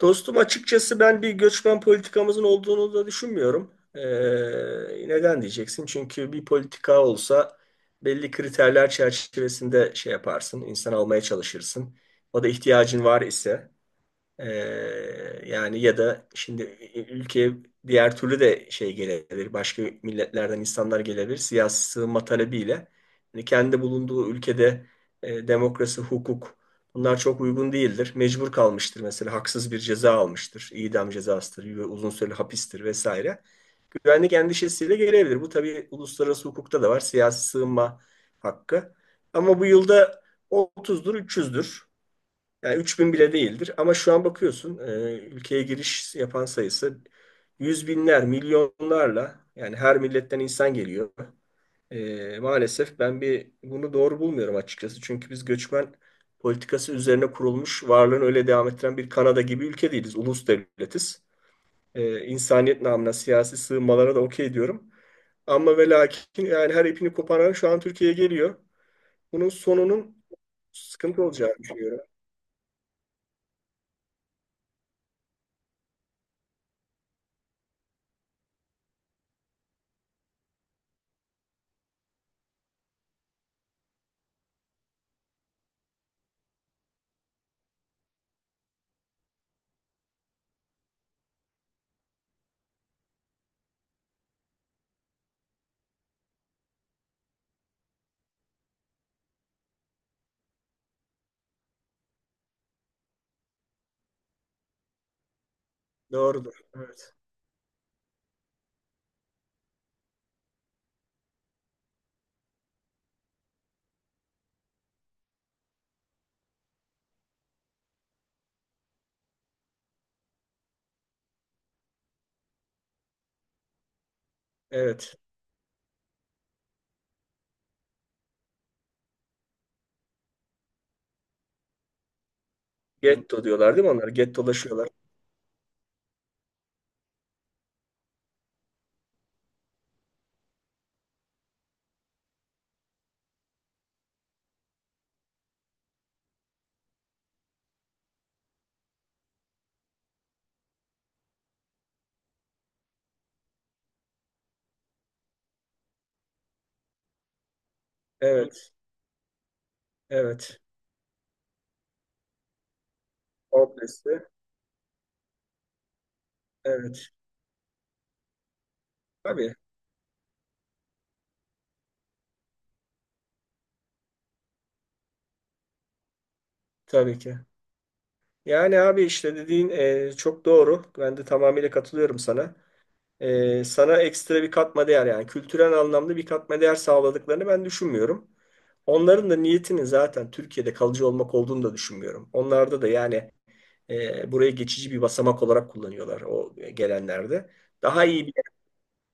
Dostum, açıkçası ben bir göçmen politikamızın olduğunu da düşünmüyorum. Neden diyeceksin? Çünkü bir politika olsa belli kriterler çerçevesinde şey yaparsın, insan almaya çalışırsın. O da ihtiyacın var ise. Ee, Yani ya da şimdi ülkeye diğer türlü de şey gelebilir. Başka milletlerden insanlar gelebilir. Siyasi sığınma talebiyle. Yani kendi bulunduğu ülkede demokrasi, hukuk bunlar çok uygun değildir. Mecbur kalmıştır, mesela haksız bir ceza almıştır. İdam cezasıdır, uzun süreli hapistir vesaire. Güvenlik endişesiyle gelebilir. Bu tabii uluslararası hukukta da var. Siyasi sığınma hakkı. Ama bu yılda 30'dur, 300'dür. Yani 3.000 bile değildir ama şu an bakıyorsun ülkeye giriş yapan sayısı yüz binler, milyonlarla, yani her milletten insan geliyor. Maalesef ben bir bunu doğru bulmuyorum açıkçası. Çünkü biz göçmen politikası üzerine kurulmuş, varlığını öyle devam ettiren bir Kanada gibi ülke değiliz. Ulus devletiz. İnsaniyet namına siyasi sığınmalara da okey diyorum. Ama ve lakin yani her ipini koparan şu an Türkiye'ye geliyor. Bunun sonunun sıkıntı olacağını düşünüyorum. Doğrudur. Evet. Evet. Getto diyorlar değil mi onlar? Gettolaşıyorlar. Evet, evet. Komplesi. Evet. Tabii, tabii ki. Yani abi, işte dediğin çok doğru. Ben de tamamıyla katılıyorum sana. Sana ekstra bir katma değer, yani kültürel anlamda bir katma değer sağladıklarını ben düşünmüyorum. Onların da niyetinin zaten Türkiye'de kalıcı olmak olduğunu da düşünmüyorum. Onlarda da yani burayı geçici bir basamak olarak kullanıyorlar, o gelenlerde. Daha iyi bir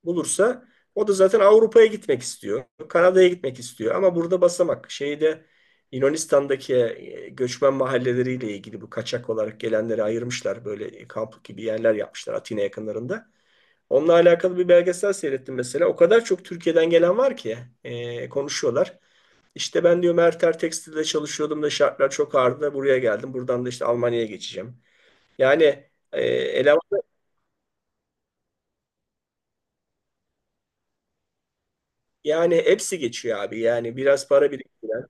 bulursa o da zaten Avrupa'ya gitmek istiyor. Kanada'ya gitmek istiyor. Ama burada basamak. Şeyde Yunanistan'daki göçmen mahalleleriyle ilgili bu kaçak olarak gelenleri ayırmışlar. Böyle kamp gibi yerler yapmışlar Atina yakınlarında. Onunla alakalı bir belgesel seyrettim mesela. O kadar çok Türkiye'den gelen var ki konuşuyorlar. İşte ben diyor Merter Tekstil'de çalışıyordum da şartlar çok ağırdı da buraya geldim. Buradan da işte Almanya'ya geçeceğim. Yani eleman, yani hepsi geçiyor abi. Yani biraz para biriktiren.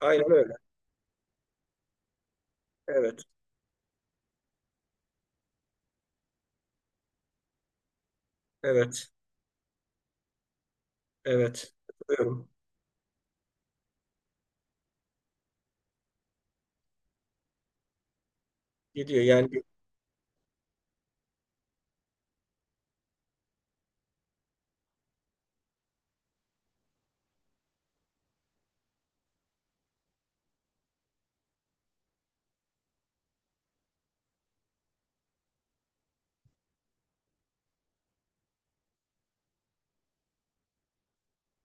Aynen öyle. Evet, evet, evet. Katılıyorum. Gidiyor yani.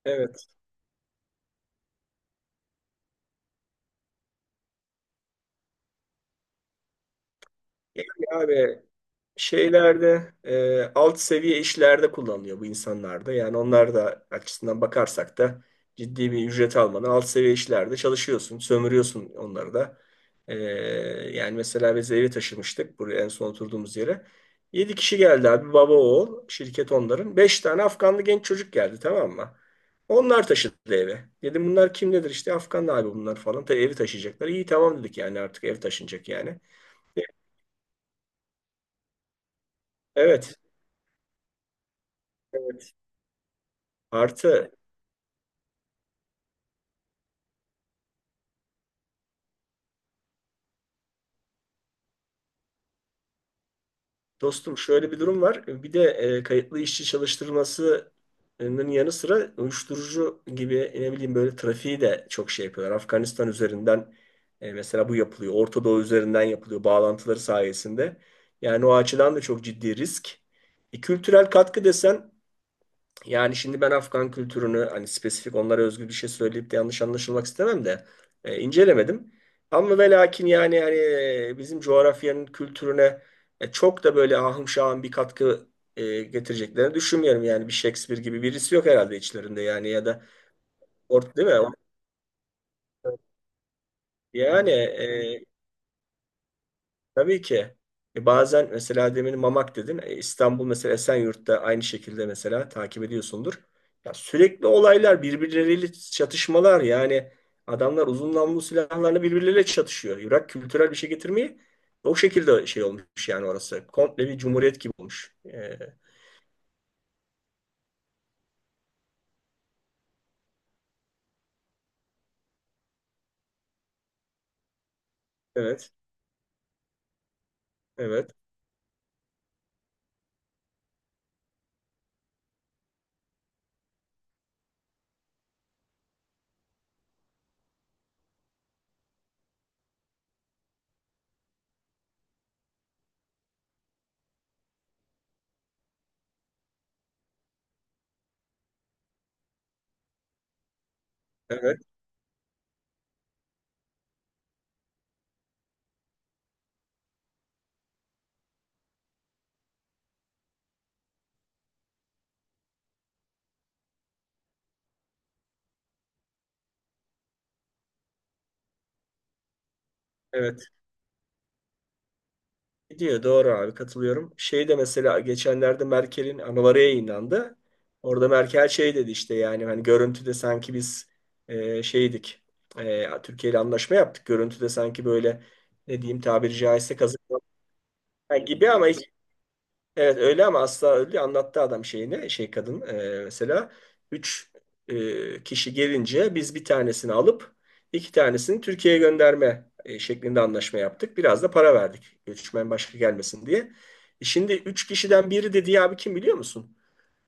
Evet. Yani abi, şeylerde alt seviye işlerde kullanılıyor bu insanlarda. Yani onlar da açısından bakarsak da ciddi bir ücret almadan alt seviye işlerde çalışıyorsun, sömürüyorsun onları da. E, Yani mesela biz evi taşımıştık buraya, en son oturduğumuz yere. 7 kişi geldi abi, baba oğul şirket onların. 5 tane Afganlı genç çocuk geldi, tamam mı? Onlar taşıdı eve. Dedim bunlar kim nedir, işte Afganlı abi bunlar falan. Tabii evi taşıyacaklar. İyi, tamam dedik, yani artık ev taşınacak yani. Evet. Evet. Artı Dostum, şöyle bir durum var. Bir de kayıtlı işçi çalıştırmasının yanı sıra uyuşturucu gibi, ne bileyim, böyle trafiği de çok şey yapıyorlar. Afganistan üzerinden mesela bu yapılıyor. Orta Doğu üzerinden yapılıyor bağlantıları sayesinde. Yani o açıdan da çok ciddi risk. Kültürel katkı desen, yani şimdi ben Afgan kültürünü, hani spesifik onlara özgü bir şey söyleyip de yanlış anlaşılmak istemem de incelemedim. Ama ve lakin yani hani bizim coğrafyanın kültürüne çok da böyle ahım şahım bir katkı getireceklerini düşünmüyorum. Yani bir Shakespeare gibi birisi yok herhalde içlerinde, yani ya da değil mi? Yani tabii ki. Bazen mesela demin Mamak dedin. İstanbul mesela Esenyurt'ta aynı şekilde mesela takip ediyorsundur. Ya sürekli olaylar, birbirleriyle çatışmalar, yani adamlar uzun namlulu silahlarla birbirleriyle çatışıyor. Irak kültürel bir şey getirmeyi o şekilde şey olmuş yani orası. Komple bir cumhuriyet gibi olmuş. Evet, evet, evet, evet. Gidiyor doğru abi, katılıyorum. Şey de, mesela geçenlerde Merkel'in anıları yayınlandı. Orada Merkel şey dedi, işte yani hani görüntüde sanki biz şeydik. Türkiye ile anlaşma yaptık. Görüntüde sanki böyle, ne diyeyim, tabiri caizse kazık gibi ama hiç. Evet, öyle ama asla öyle anlattı adam şeyini, şey kadın mesela 3 kişi gelince biz bir tanesini alıp 2 tanesini Türkiye'ye gönderme şeklinde anlaşma yaptık. Biraz da para verdik göçmen başka gelmesin diye. Şimdi 3 kişiden biri dedi ya abi, kim biliyor musun?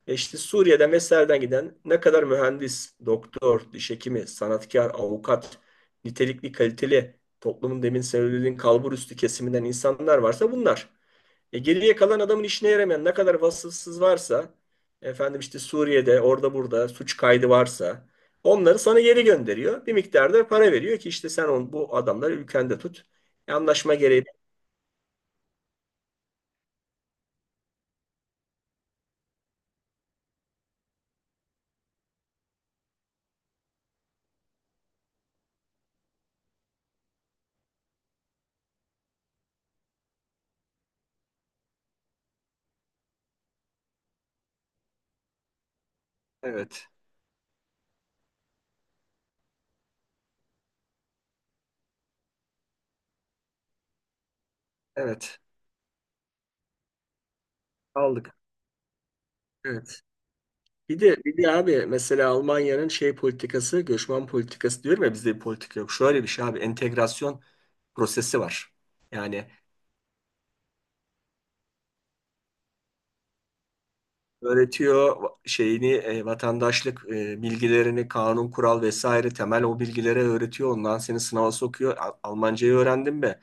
İşte Suriye'den vesaireden giden ne kadar mühendis, doktor, diş hekimi, sanatkar, avukat, nitelikli, kaliteli, toplumun demin söylediğin kalbur üstü kesiminden insanlar varsa bunlar. Geriye kalan, adamın işine yaramayan ne kadar vasıfsız varsa, efendim işte Suriye'de orada burada suç kaydı varsa, onları sana geri gönderiyor. Bir miktarda para veriyor ki işte sen bu adamları ülkende tut. Anlaşma gereği. Evet. Evet. Aldık. Evet. Bir de abi, mesela Almanya'nın şey politikası, göçmen politikası diyorum ya, bizde bir politika yok. Şöyle bir şey abi, entegrasyon prosesi var. Yani öğretiyor şeyini vatandaşlık bilgilerini, kanun, kural vesaire temel o bilgilere öğretiyor. Ondan seni sınava sokuyor. Al- Almancayı öğrendin mi?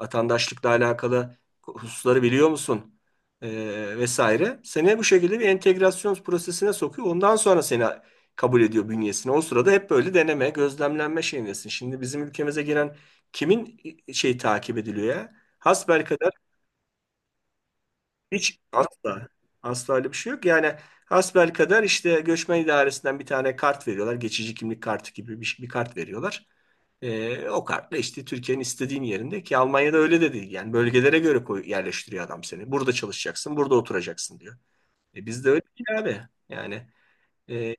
Vatandaşlıkla alakalı hususları biliyor musun? E, vesaire. Seni bu şekilde bir entegrasyon prosesine sokuyor. Ondan sonra seni kabul ediyor bünyesine. O sırada hep böyle deneme, gözlemlenme şeyindesin. Şimdi bizim ülkemize giren kimin şey takip ediliyor ya? Hiç, asla. Asla öyle bir şey yok. Yani hasbelkader işte göçmen idaresinden bir tane kart veriyorlar. Geçici kimlik kartı gibi bir kart veriyorlar. O kartla işte Türkiye'nin istediğin yerinde, ki Almanya'da öyle de değil. Yani bölgelere göre koy, yerleştiriyor adam seni. Burada çalışacaksın, burada oturacaksın diyor. Bizde öyle değil abi. Yani e,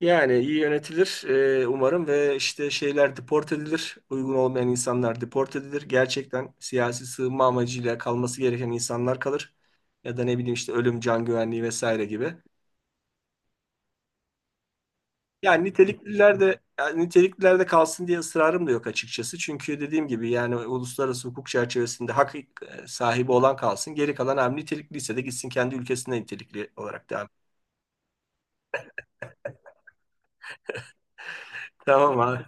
yani iyi yönetilir umarım ve işte şeyler deport edilir. Uygun olmayan insanlar deport edilir. Gerçekten siyasi sığınma amacıyla kalması gereken insanlar kalır. Ya da ne bileyim, işte ölüm, can güvenliği vesaire gibi. Yani nitelikliler de, yani nitelikliler de kalsın diye ısrarım da yok açıkçası. Çünkü dediğim gibi yani uluslararası hukuk çerçevesinde hak sahibi olan kalsın. Geri kalan hem nitelikliyse de gitsin kendi ülkesinde nitelikli olarak devam. Tamam abi.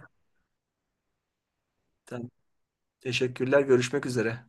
Tamam. Teşekkürler. Görüşmek üzere.